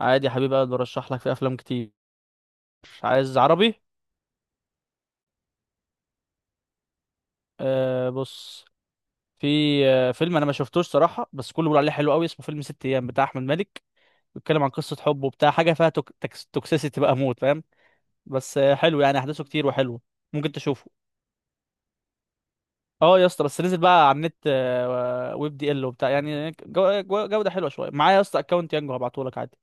عادي يا حبيبي اقدر برشح لك في افلام كتير. عايز عربي؟ بص. في آه فيلم انا ما شفتوش صراحه، بس كله بيقول عليه حلو قوي، اسمه فيلم ست ايام بتاع احمد مالك. بيتكلم عن قصه حب وبتاع، حاجه فيها توكسيسيتي بقى موت، فاهم؟ بس حلو يعني، احداثه كتير وحلو. ممكن تشوفه. اه يا اسطى، بس نزل بقى على النت، ويب دي ال وبتاع، يعني جوده حلوه شويه. معايا يا اسطى اكونت يانجو، هبعته لك عادي.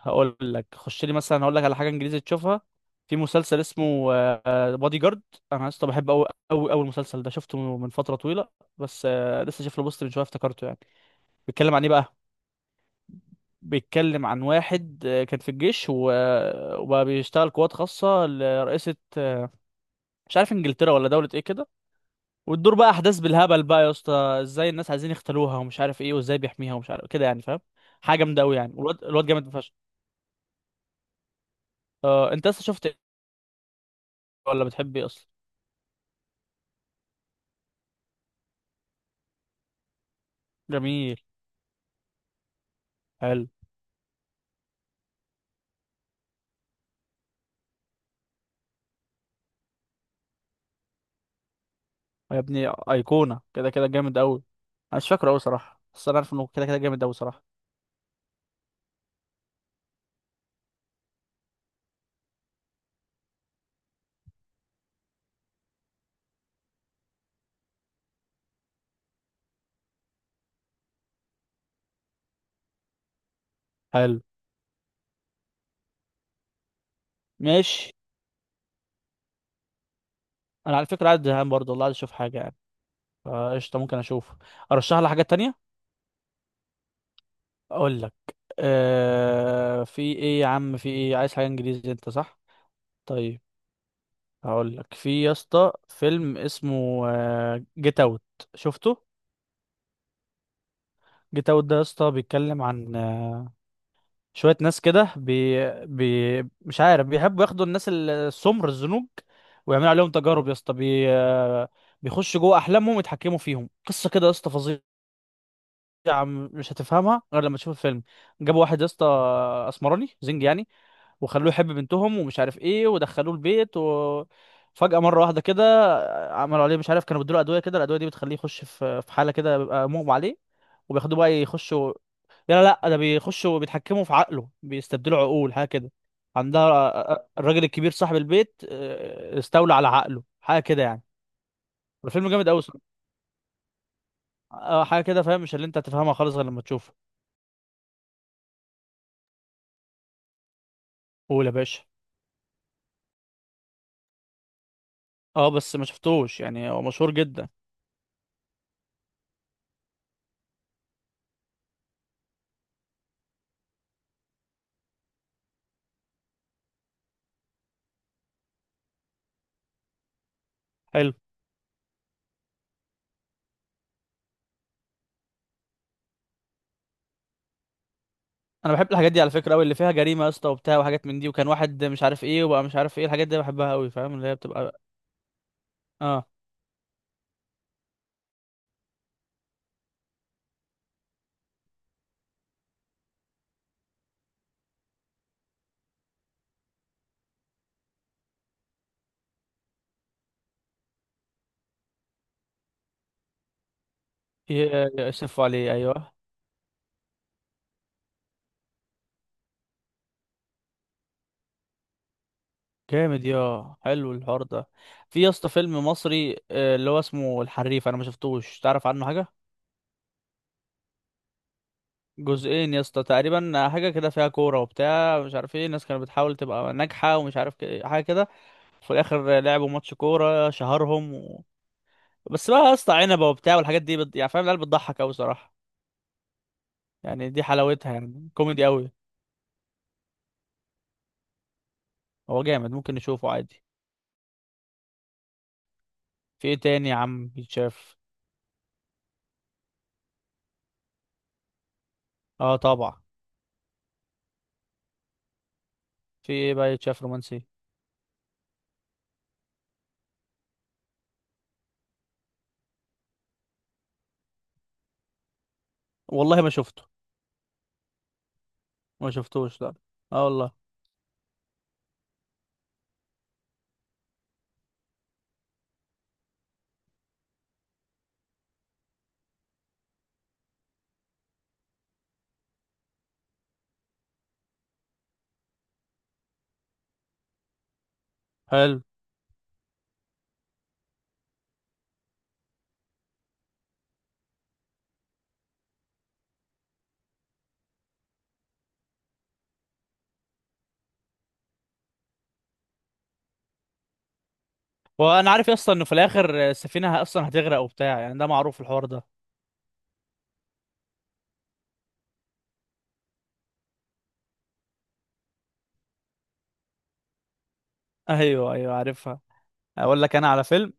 هقول لك خش لي مثلا، هقول لك على حاجه انجليزي تشوفها. في مسلسل اسمه بادي جارد. انا لسه بحب قوي المسلسل ده، شفته من فتره طويله. بس آه، لسه شايف له بوست من شويه افتكرته يعني. بيتكلم عن ايه بقى؟ بيتكلم عن واحد كان في الجيش، وبقى بيشتغل قوات خاصه لرئيسه. مش عارف انجلترا ولا دوله ايه كده. وتدور بقى احداث بالهبل بقى يا اسطى. ازاي الناس عايزين يختلوها ومش عارف ايه، وازاي بيحميها ومش عارف كده، يعني فاهم؟ حاجه جامده قوي يعني، والواد جامد فشخ. آه، انت لسه شفت إيه؟ ولا بتحب ايه اصلا؟ جميل، حلو. يا ابني ايقونه، كده كده جامد قوي. انا مش فاكره قوي صراحه، بس انا عارف انه كده كده جامد قوي صراحه. حلو. ماشي. انا على فكره قاعد زهقان برضه والله، عايز اشوف حاجه يعني. فقشطه ممكن اشوف. ارشح لك حاجه تانية. اقول لك. آه، في ايه يا عم، في ايه؟ عايز حاجه انجليزي انت صح؟ طيب. هقول لك في يا اسطى فيلم اسمه جيت اوت. شفته؟ جيت اوت ده يا اسطى بيتكلم عن آه، شوية ناس كده مش عارف، بيحبوا ياخدوا الناس السمر الزنوج، ويعملوا عليهم تجارب يا اسطى. بي... آه، بيخشوا جوه أحلامهم يتحكموا فيهم، قصة كده يا اسطى فظيعة. مش هتفهمها غير لما تشوف الفيلم. جابوا واحد يا اسطى أسمراني زنج يعني، وخلوه يحب بنتهم ومش عارف ايه، ودخلوه البيت و فجأة مرة واحدة كده آه، عملوا عليه مش عارف، كانوا بيدوا له أدوية كده، الأدوية دي بتخليه يخش في حالة كده بيبقى مغمى عليه، وبياخدوه بقى يخشوا. لا، ده بيخشوا بيتحكموا في عقله، بيستبدلوا عقول حاجه كده عندها. الراجل الكبير صاحب البيت آه، استولى على عقله حاجه كده يعني. الفيلم جامد قوي. حاجه كده فاهم، مش اللي انت هتفهمها خالص غير لما تشوفه. قول يا باشا. اه، بس ما شفتوش يعني، هو مشهور جدا. حلو. انا بحب الحاجات دي على فكره قوي، اللي فيها جريمه يا اسطى وبتاع، وحاجات من دي، وكان واحد مش عارف ايه وبقى مش عارف ايه، الحاجات دي بحبها قوي فاهم، اللي هي بتبقى. اه. يصفوا عليه ايوه. جامد يا حلو الحوار ده. في يا اسطى فيلم مصري آه، اللي هو اسمه الحريف، انا ما شفتوش، تعرف عنه حاجه؟ جزئين يا اسطى تقريبا، حاجه كده فيها كوره وبتاع، مش عارف ايه، الناس كانت بتحاول تبقى ناجحه ومش عارف حاجه كده. في الاخر لعبوا ماتش كوره شهرهم و... بس بقى يا اسطى عنبه وبتاع، والحاجات دي يعني فاهم، العيال بتضحك قوي صراحه. يعني دي حلاوتها، يعني كوميدي قوي. هو جامد، ممكن نشوفه عادي. في ايه تاني يا عم يتشاف؟ اه طبعا. في ايه بقى يتشاف رومانسي؟ والله ما شفته. ما شفتوش لا. اه والله. حلو. وانا عارف اصلا انه في الاخر السفينه اصلا هتغرق وبتاع، يعني ده معروف الحوار ده. ايوه ايوه عارفها. اقول لك انا على فيلم.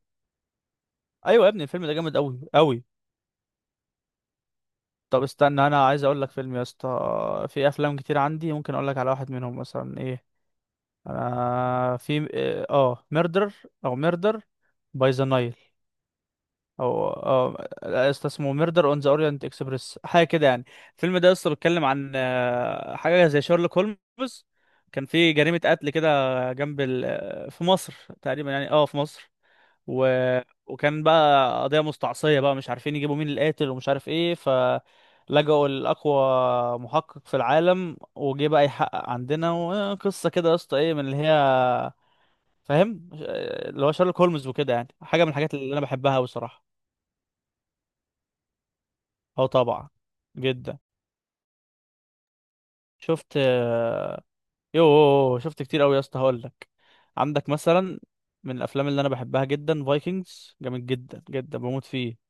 ايوه يا ابني الفيلم ده جامد قوي. طب استنى، انا عايز اقول لك فيلم يا اسطى. في افلام كتير عندي، ممكن اقول لك على واحد منهم مثلا ايه. انا في ميردر، او ميردر باي ذا نايل، او اسطى اسمه ميردر اون ذا اورينت اكسبريس حاجه كده يعني. الفيلم ده اصلا بيتكلم عن آه، حاجه زي شارلوك هولمز. كان في جريمه قتل كده جنب ال... آه، في مصر تقريبا يعني، اه في مصر. و... وكان بقى قضيه مستعصيه بقى، مش عارفين يجيبوا مين القاتل ومش عارف ايه، فلجأوا لأقوى محقق في العالم، وجه بقى يحقق عندنا، وقصه كده يا اسطى ايه من اللي هي فاهم آه، اللي هو شارلوك هولمز وكده يعني. حاجه من الحاجات اللي انا بحبها بصراحه. اه طبعا. جدا. شفت آه، يوه شفت كتير قوي يا اسطى، هقول لك. عندك مثلا من الافلام اللي انا بحبها جدا فايكنجز، جامد جدا جدا بموت فيه.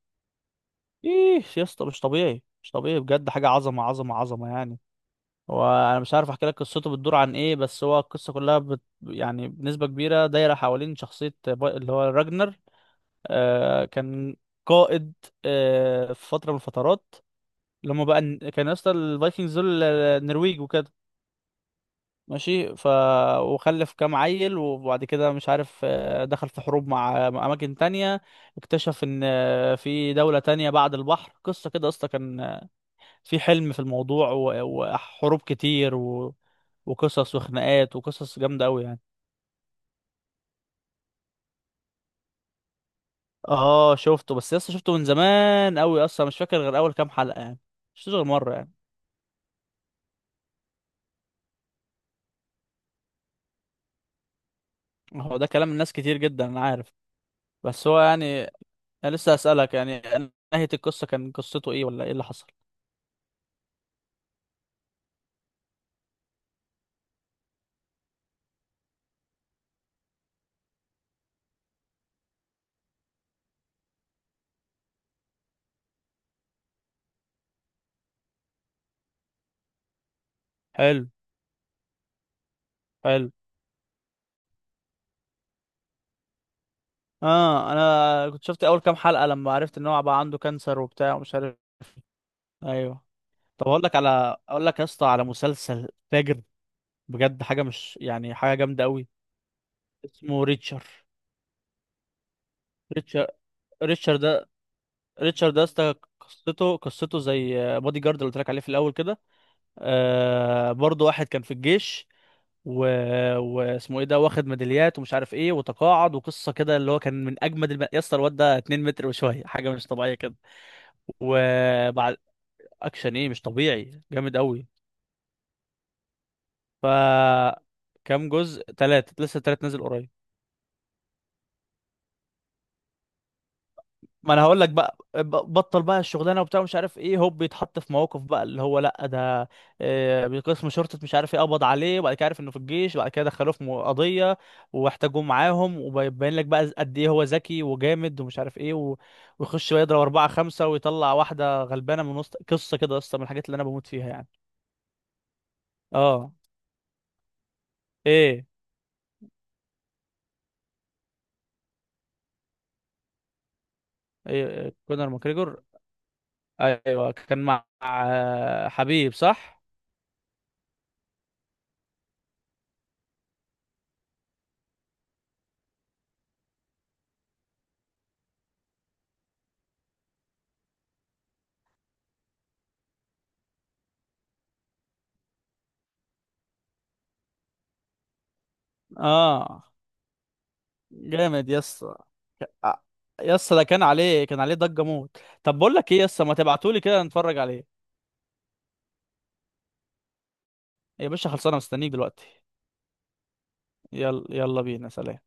ايه يا اسطى، مش طبيعي مش طبيعي بجد، حاجه عظمه يعني. هو انا مش عارف احكي لك قصته بتدور عن ايه، بس هو القصه كلها يعني بنسبه كبيره دايره حوالين شخصيه اللي هو راجنر. آه كان قائد آه في فتره من الفترات. لما بقى كان يا اسطى الفايكنجز دول النرويج وكده. ماشي. ف وخلف كام عيل، وبعد كده مش عارف آه، دخل في حروب مع اماكن تانية. اكتشف ان آه، في دولة تانية بعد البحر، قصة كده اصلا كان آه، في حلم في الموضوع وحروب كتير و... وقصص وخناقات وقصص جامدة قوي يعني. اه شفته، بس لسه شفته من زمان قوي، اصلا مش فاكر غير اول كام حلقة يعني. مش شفتوش غير مرة يعني. هو ده كلام الناس كتير جدا، انا عارف. بس هو يعني. انا لسه اسألك يعني، نهاية القصة كان قصته ايه ولا ايه اللي حصل؟ حلو. حلو. اه انا كنت شفت اول كام حلقه لما عرفت ان هو بقى عنده كانسر وبتاع ومش عارف. ايوه. طب اقول لك يا اسطى على مسلسل فاجر، بجد حاجه مش يعني، حاجه جامده قوي. اسمه ريتشر. ريتشر. ريتشر ده ريتشر ده يا اسطى، قصته. زي بودي جارد اللي قلت لك عليه في الاول كده. آه برضه واحد كان في الجيش و... واسمه ايه ده، واخد ميداليات ومش عارف ايه، وتقاعد، وقصه كده اللي هو كان من اجمد يا اسطى، الواد ده 2 متر وشويه، حاجه مش طبيعيه كده. وبعد اكشن ايه، مش طبيعي جامد قوي. ف كام جزء؟ ثلاثة، لسه ثلاث نازل قريب. ما انا هقول لك بقى، بطل بقى الشغلانه وبتاع مش عارف ايه، هوب بيتحط في مواقف بقى اللي هو لا ده آه، قسم شرطه مش عارف ايه قبض عليه، وبعد كده عارف انه في الجيش، وبعد كده دخلوه في قضيه، واحتاجوه معاهم، وبيبين لك بقى قد ايه هو ذكي وجامد ومش عارف ايه و... ويخش يضرب اربعه خمسه ويطلع واحده غلبانه من وسط، قصه كده اصلا من الحاجات اللي انا بموت فيها يعني. اه. ايه ايه إيه، كونر ماكريجور. ايوه كان مع آه، حبيب صح. اه جامد يس. يس ده كان عليه ضجة موت. طب بقول لك ايه يس، ما تبعتولي كده نتفرج عليه. يا باشا خلصانه، مستنيك دلوقتي. يلا يلا بينا، سلام.